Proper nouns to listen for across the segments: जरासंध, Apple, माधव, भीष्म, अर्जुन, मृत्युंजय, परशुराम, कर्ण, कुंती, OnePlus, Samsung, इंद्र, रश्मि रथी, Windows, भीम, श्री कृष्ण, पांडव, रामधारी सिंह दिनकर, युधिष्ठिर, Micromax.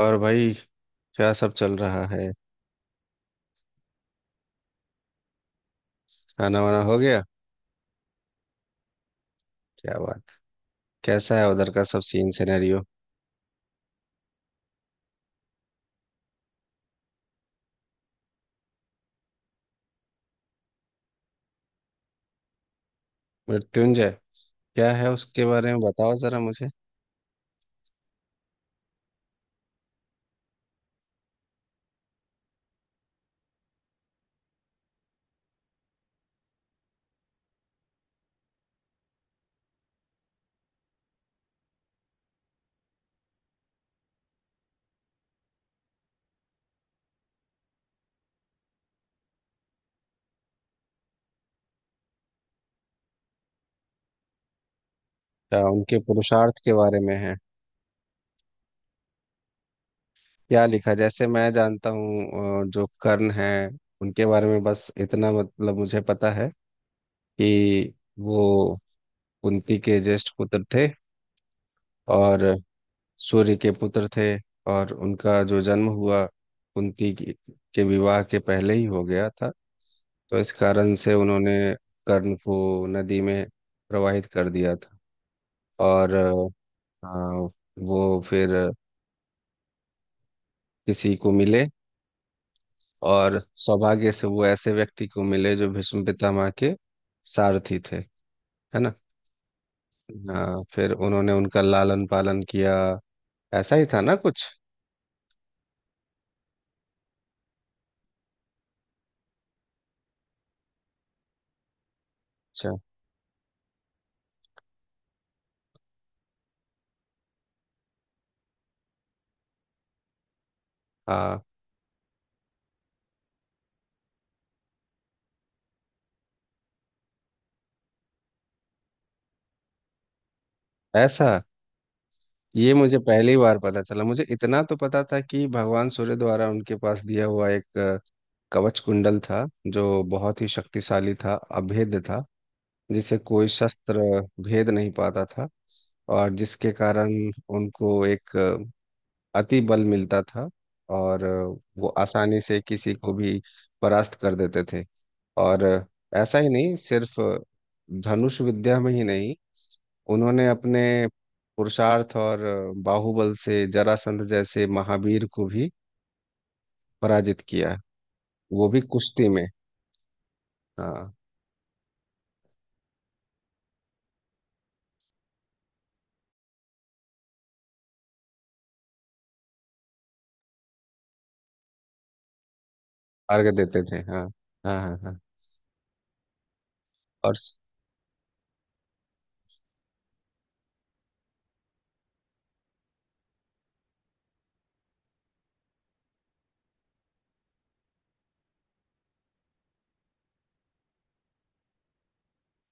और भाई। क्या सब चल रहा है। खाना वाना हो गया। क्या बात। कैसा है उधर का सब सीन सिनेरियो। मृत्युंजय। क्या है उसके बारे में बताओ जरा मुझे। क्या उनके पुरुषार्थ के बारे में है। क्या लिखा जैसे मैं जानता हूँ जो कर्ण है। उनके बारे में बस इतना मतलब मुझे पता है कि वो कुंती के ज्येष्ठ पुत्र थे और सूर्य के पुत्र थे। और उनका जो जन्म हुआ कुंती के विवाह के पहले ही हो गया था। तो इस कारण से उन्होंने कर्ण को नदी में प्रवाहित कर दिया था। और हाँ, वो फिर किसी को मिले और सौभाग्य से वो ऐसे व्यक्ति को मिले जो भीष्म पितामह के सारथी थे, है ना। हाँ, फिर उन्होंने उनका लालन पालन किया। ऐसा ही था ना कुछ। अच्छा। हाँ। ऐसा ये मुझे पहली बार पता चला। मुझे इतना तो पता था कि भगवान सूर्य द्वारा उनके पास दिया हुआ एक कवच कुंडल था, जो बहुत ही शक्तिशाली था, अभेद्य था, जिसे कोई शस्त्र भेद नहीं पाता था। और जिसके कारण उनको एक अति बल मिलता था और वो आसानी से किसी को भी परास्त कर देते थे। और ऐसा ही नहीं, सिर्फ धनुष विद्या में ही नहीं, उन्होंने अपने पुरुषार्थ और बाहुबल से जरासंध जैसे महावीर को भी पराजित किया, वो भी कुश्ती में। हाँ। अर्घ देते थे। हाँ हाँ हाँ हाँ। और स-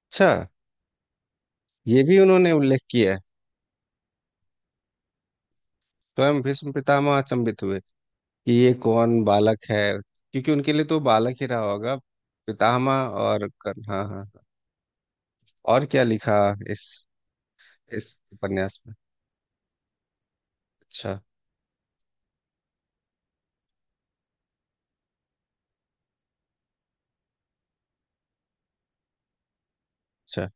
अच्छा। ये भी उन्होंने उल्लेख किया है, स्वयं भीष्म पितामह अचंभित हुए कि ये कौन बालक है, क्योंकि उनके लिए तो बालक ही रहा होगा पितामह। और कर्ण, हाँ हाँ हाँ। और क्या लिखा इस इस उपन्यास में। अच्छा अच्छा।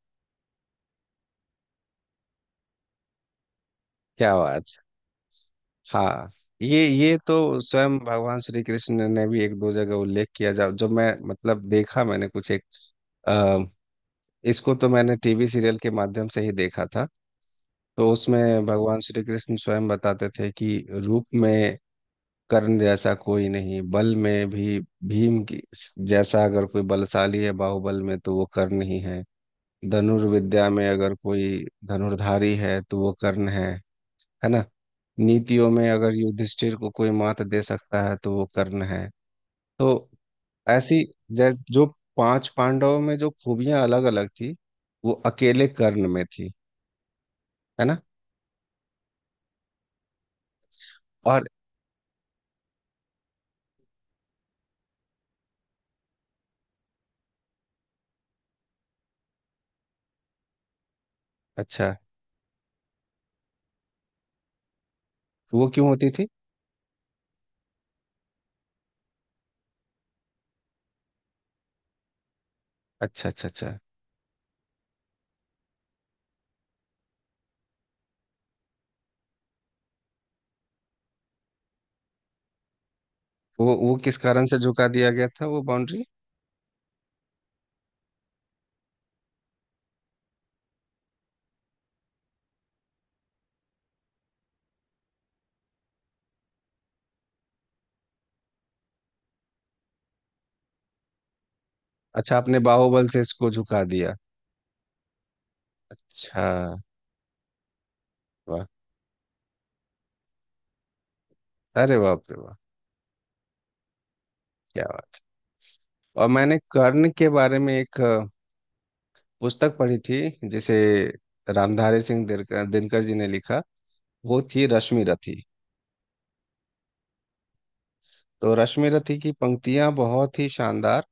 क्या बात। हाँ, ये तो स्वयं भगवान श्री कृष्ण ने भी एक दो जगह उल्लेख किया। जब जब मैं मतलब देखा, मैंने कुछ एक अ, इसको तो मैंने टीवी सीरियल के माध्यम से ही देखा था। तो उसमें भगवान श्री कृष्ण स्वयं बताते थे कि रूप में कर्ण जैसा कोई नहीं, बल में भी भीम की जैसा अगर कोई बलशाली है बाहुबल में तो वो कर्ण ही है, धनुर्विद्या में अगर कोई धनुर्धारी है तो वो कर्ण है ना, नीतियों में अगर युधिष्ठिर को कोई मात दे सकता है तो वो कर्ण है। तो ऐसी जो पांच पांडवों में जो खूबियां अलग अलग थी वो अकेले कर्ण में थी, है ना। और। अच्छा। वो क्यों होती थी। अच्छा अच्छा अच्छा। वो किस कारण से झुका दिया गया था वो बाउंड्री। अच्छा, आपने बाहुबल से इसको झुका दिया। अच्छा। वाह। अरे बाप रे, वाह। क्या बात। और मैंने कर्ण के बारे में एक पुस्तक पढ़ी थी जिसे रामधारी सिंह दिनकर, दिनकर जी ने लिखा। वो थी रश्मि रथी। तो रश्मि रथी की पंक्तियां बहुत ही शानदार,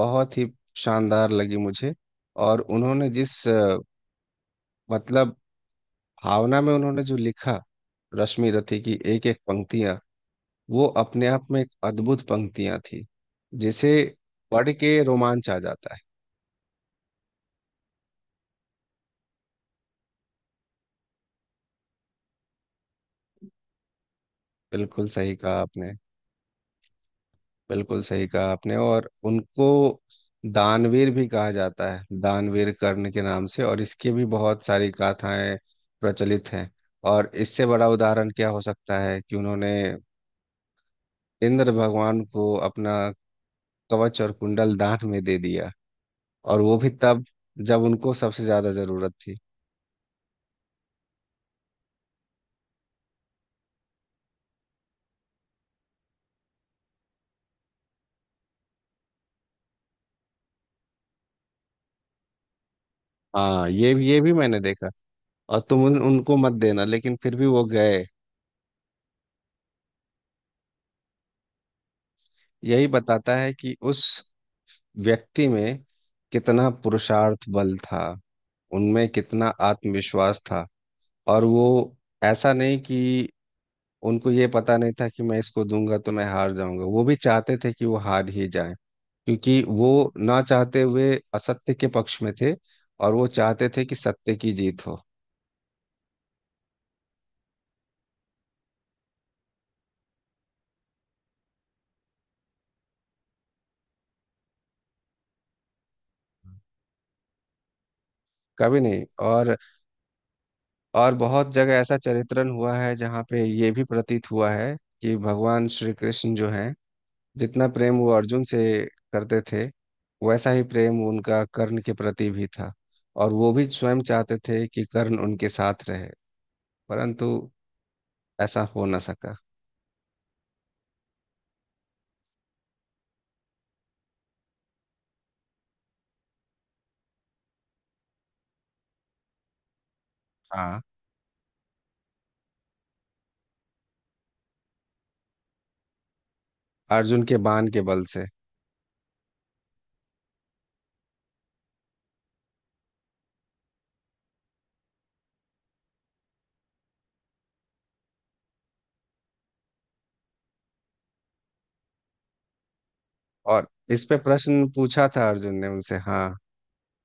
बहुत ही शानदार लगी मुझे। और उन्होंने जिस मतलब भावना में उन्होंने जो लिखा, रश्मि रथी की एक एक पंक्तियां वो अपने आप में एक अद्भुत पंक्तियां थी, जिसे पढ़ के रोमांच आ जाता है। बिल्कुल सही कहा आपने। बिल्कुल सही कहा आपने। और उनको दानवीर भी कहा जाता है, दानवीर कर्ण के नाम से, और इसकी भी बहुत सारी गाथाएं प्रचलित हैं। और इससे बड़ा उदाहरण क्या हो सकता है कि उन्होंने इंद्र भगवान को अपना कवच और कुंडल दान में दे दिया, और वो भी तब जब उनको सबसे ज्यादा जरूरत थी। हाँ, ये भी मैंने देखा। और तुम उनको मत देना, लेकिन फिर भी वो गए। यही बताता है कि उस व्यक्ति में कितना पुरुषार्थ बल था, उनमें कितना आत्मविश्वास था। और वो, ऐसा नहीं कि उनको ये पता नहीं था कि मैं इसको दूंगा तो मैं हार जाऊंगा, वो भी चाहते थे कि वो हार ही जाए, क्योंकि वो ना चाहते हुए असत्य के पक्ष में थे और वो चाहते थे कि सत्य की जीत हो। कभी नहीं। और और बहुत जगह ऐसा चरित्रण हुआ है जहाँ पे ये भी प्रतीत हुआ है कि भगवान श्री कृष्ण जो हैं, जितना प्रेम वो अर्जुन से करते थे वैसा ही प्रेम उनका कर्ण के प्रति भी था। और वो भी स्वयं चाहते थे कि कर्ण उनके साथ रहे, परंतु ऐसा हो न सका। हाँ। अर्जुन के बाण के बल से। और इस पे प्रश्न पूछा था अर्जुन ने उनसे, हाँ,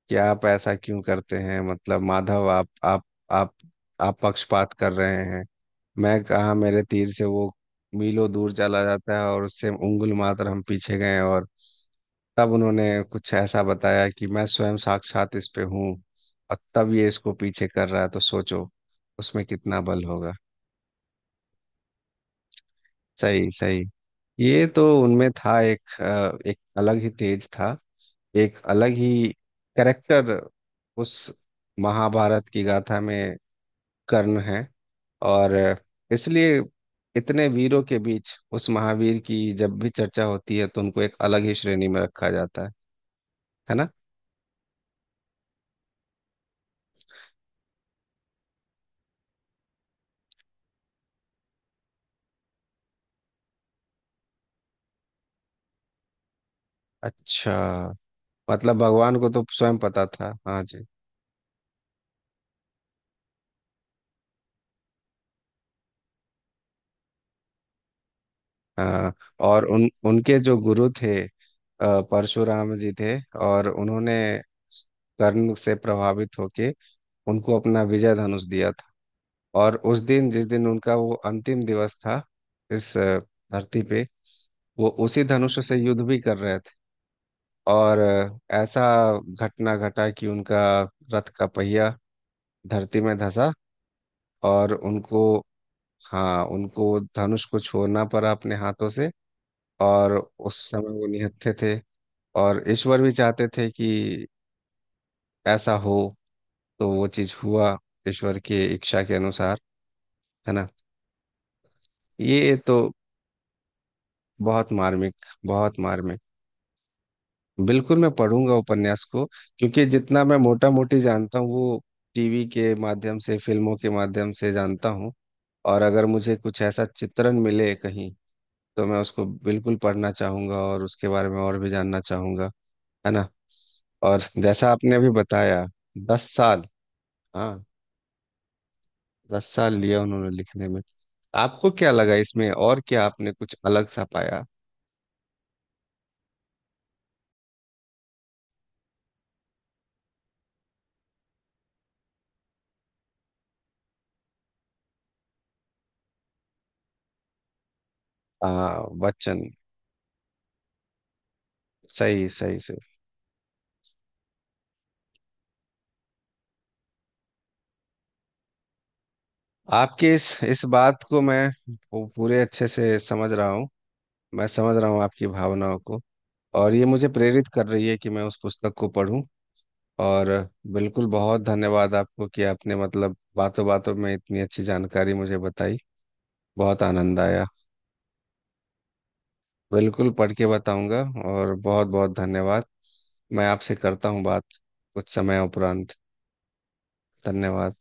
कि आप ऐसा क्यों करते हैं, मतलब माधव, आप आप आप पक्षपात कर रहे हैं। मैं कहा मेरे तीर से वो मीलों दूर चला जाता है और उससे उंगुल मात्र हम पीछे गए। और तब उन्होंने कुछ ऐसा बताया कि मैं स्वयं साक्षात इस पे हूँ और तब ये इसको पीछे कर रहा है, तो सोचो उसमें कितना बल होगा। सही सही। ये तो उनमें था, एक एक अलग ही तेज था, एक अलग ही कैरेक्टर उस महाभारत की गाथा में कर्ण है। और इसलिए इतने वीरों के बीच उस महावीर की जब भी चर्चा होती है तो उनको एक अलग ही श्रेणी में रखा जाता है ना। अच्छा। मतलब भगवान को तो स्वयं पता था, हाँ जी। हाँ। और उन उनके जो गुरु थे, परशुराम जी थे, और उन्होंने कर्ण से प्रभावित होके उनको अपना विजय धनुष दिया था। और उस दिन, जिस दिन उनका वो अंतिम दिवस था इस धरती पे, वो उसी धनुष से युद्ध भी कर रहे थे। और ऐसा घटना घटा कि उनका रथ का पहिया धरती में धंसा और उनको, हाँ, उनको धनुष को छोड़ना पड़ा अपने हाथों से। और उस समय वो निहत्थे थे और ईश्वर भी चाहते थे कि ऐसा हो, तो वो चीज हुआ ईश्वर के इच्छा के अनुसार, है ना। ये तो बहुत मार्मिक, बहुत मार्मिक। बिल्कुल मैं पढ़ूंगा उपन्यास को, क्योंकि जितना मैं मोटा मोटी जानता हूँ वो टीवी के माध्यम से, फिल्मों के माध्यम से जानता हूँ। और अगर मुझे कुछ ऐसा चित्रण मिले कहीं तो मैं उसको बिल्कुल पढ़ना चाहूंगा और उसके बारे में और भी जानना चाहूंगा, है ना। और जैसा आपने अभी बताया, 10 साल, हाँ, 10 साल लिया उन्होंने लिखने में। आपको क्या लगा इसमें और क्या आपने कुछ अलग सा पाया। हाँ, बच्चन। सही सही सही। आपके इस बात को मैं पूरे अच्छे से समझ रहा हूँ, मैं समझ रहा हूँ आपकी भावनाओं को। और ये मुझे प्रेरित कर रही है कि मैं उस पुस्तक को पढूं। और बिल्कुल, बहुत धन्यवाद आपको कि आपने मतलब बातों बातों में इतनी अच्छी जानकारी मुझे बताई, बहुत आनंद आया। बिल्कुल पढ़ के बताऊंगा। और बहुत बहुत धन्यवाद। मैं आपसे करता हूँ बात कुछ समय उपरांत। धन्यवाद।